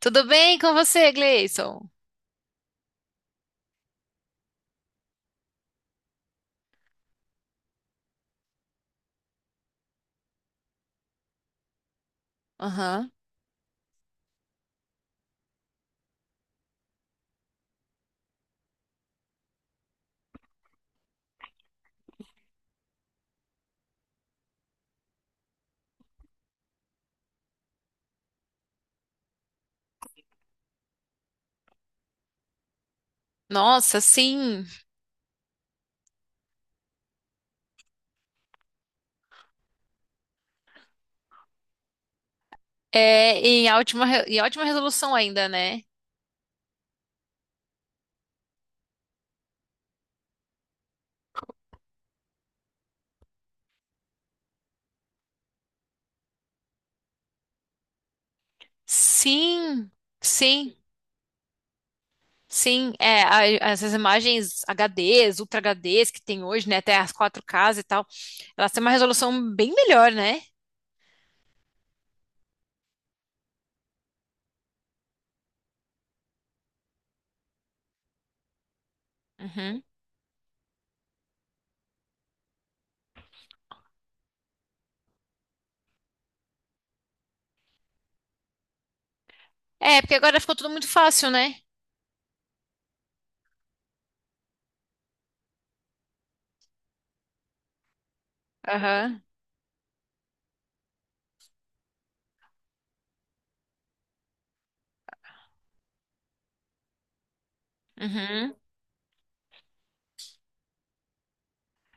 Tudo bem com você, Gleison? Aham. Nossa, sim. Em ótima resolução ainda, né? Sim, sim, sim. Essas imagens HDs, Ultra HDs que tem hoje, né? Até as 4Ks e tal, elas têm uma resolução bem melhor, né? Uhum. É, porque agora ficou tudo muito fácil, né? Aham. Uhum.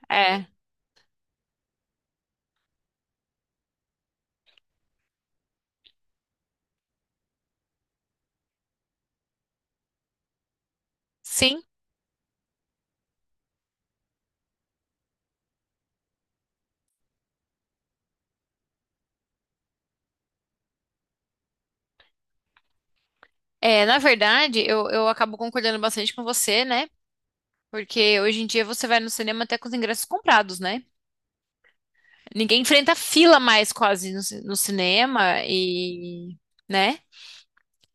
É. Sim. É, na verdade, eu acabo concordando bastante com você, né? Porque hoje em dia você vai no cinema até com os ingressos comprados, né? Ninguém enfrenta fila mais quase no cinema né?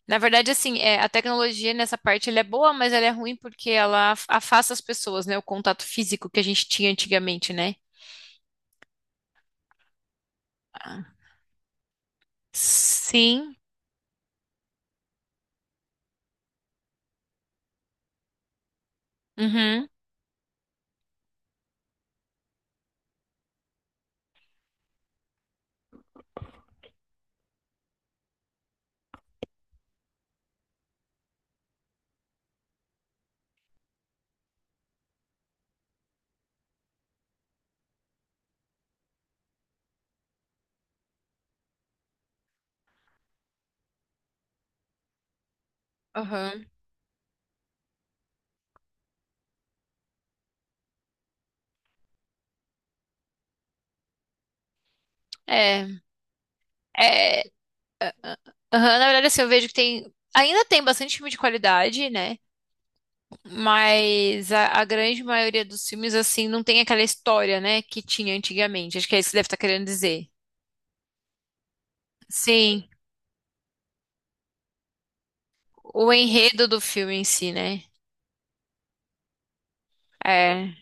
Na verdade, assim, a tecnologia nessa parte ela é boa, mas ela é ruim porque ela afasta as pessoas, né? O contato físico que a gente tinha antigamente, né? Ah. Sim. Uhum. Aham. É. É. aham, Na verdade, assim, eu vejo que tem. Ainda tem bastante filme de qualidade, né? Mas a grande maioria dos filmes, assim, não tem aquela história, né, que tinha antigamente. Acho que é isso que você deve estar querendo dizer. Sim. O enredo do filme em si, né? É.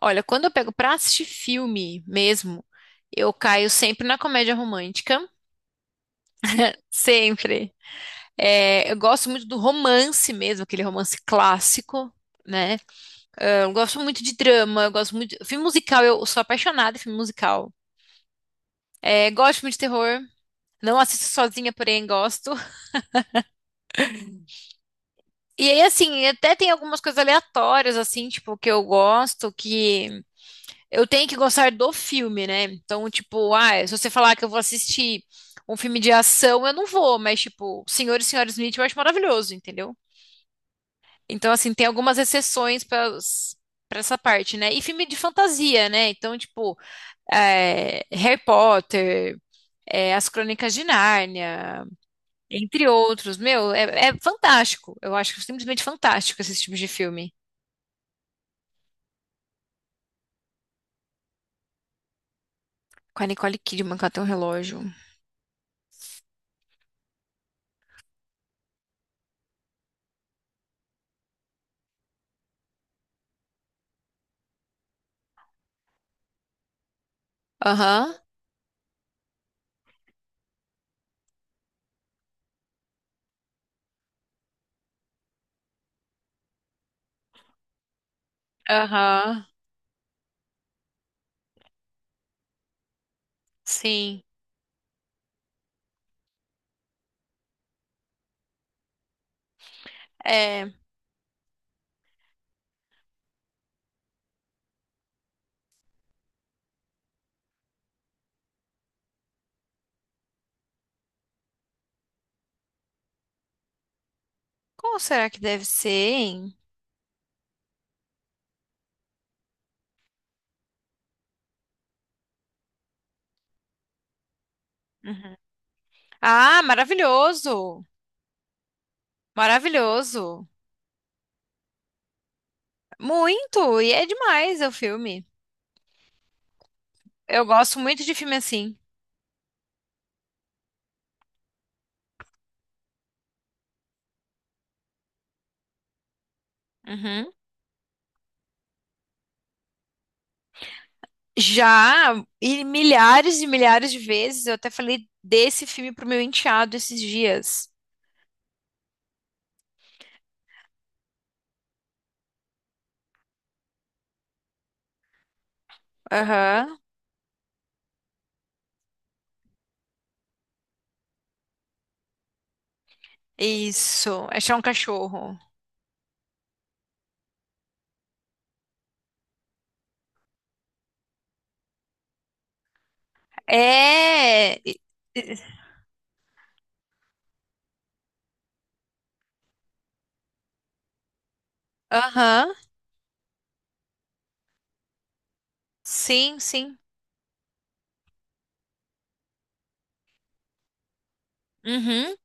Olha, quando eu pego pra assistir filme mesmo, eu caio sempre na comédia romântica. Sempre. É, eu gosto muito do romance mesmo, aquele romance clássico, né? É, eu gosto muito de drama, eu gosto muito. Filme musical, eu sou apaixonada em filme musical. É, gosto muito de terror. Não assisto sozinha, porém gosto. E aí, assim, até tem algumas coisas aleatórias, assim, tipo, que eu gosto, que. Eu tenho que gostar do filme, né? Então, tipo, ah, se você falar que eu vou assistir um filme de ação, eu não vou, mas, tipo, Senhor e Senhora Smith eu acho maravilhoso, entendeu? Então, assim, tem algumas exceções para essa parte, né? E filme de fantasia, né? Então, tipo, Harry Potter, As Crônicas de Nárnia, entre outros. Meu, é fantástico. Eu acho simplesmente fantástico esse tipo de filme. Com a Nicole Kidman, que ela tem um relógio. Aham, aham, sim. É. Como será que deve ser, hein? Uhum. Ah, maravilhoso! Maravilhoso! Muito! E é demais o filme. Eu gosto muito de filme assim. Uhum. Já, e milhares de vezes, eu até falei desse filme pro meu enteado esses dias. Aham. Isso. Achar um cachorro. É. E- Aham. Sim, sim. Uhum.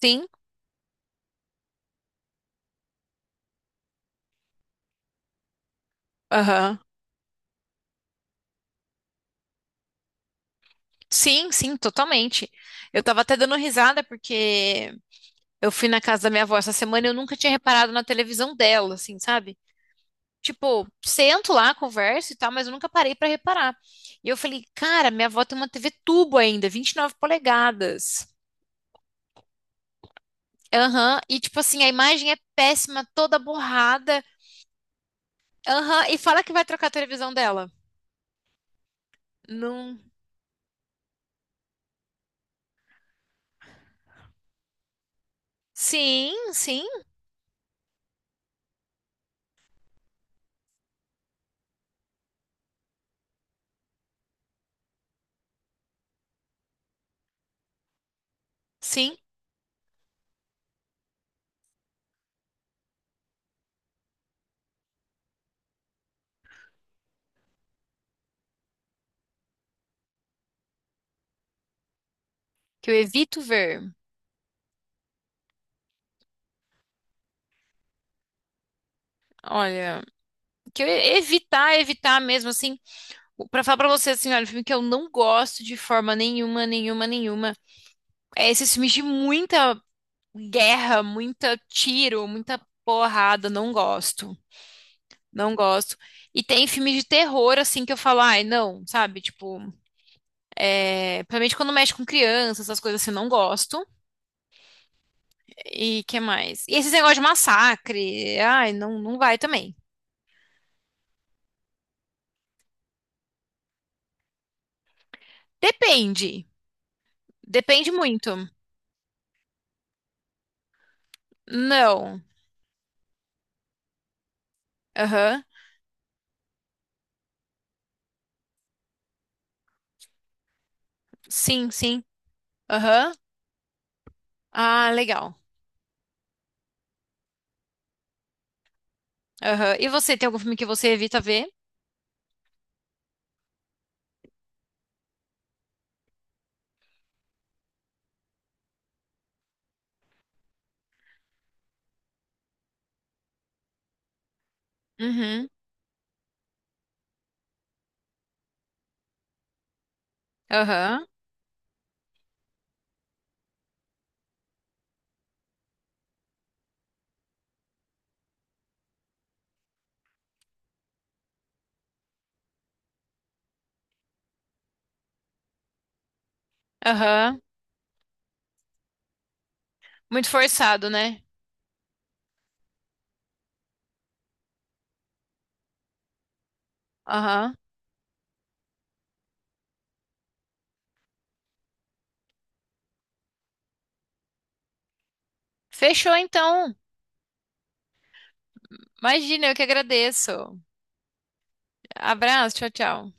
Sim. Aham. Sim, sim, totalmente. Eu tava até dando risada porque eu fui na casa da minha avó essa semana e eu nunca tinha reparado na televisão dela, assim, sabe? Tipo, sento lá, converso e tal, mas eu nunca parei pra reparar. E eu falei, cara, minha avó tem uma TV tubo ainda, 29 polegadas. Aham, e tipo assim, a imagem é péssima, toda borrada. Aham, e fala que vai trocar a televisão dela. Não. Sim, sim, sim. Que eu evito ver. Olha, que eu evitar, evitar mesmo assim. Pra falar pra você, assim, olha, um filme que eu não gosto de forma nenhuma, nenhuma, nenhuma. É esses filmes de muita guerra, muita tiro, muita porrada, não gosto. Não gosto. E tem filmes de terror, assim, que eu falo, ai, não, sabe? Tipo, principalmente quando mexe com criança, essas coisas assim, não gosto. E que mais? E esses negócios de massacre, ai, não, não vai também. Depende. Depende muito. Não. Aham. Sim, sim. Aham. Ah, legal. Aham. E você, tem algum filme que você evita ver? Uhum. Aham. Aham. Muito forçado, né? Aham. Fechou então. Imagina, eu que agradeço. Abraço, tchau, tchau.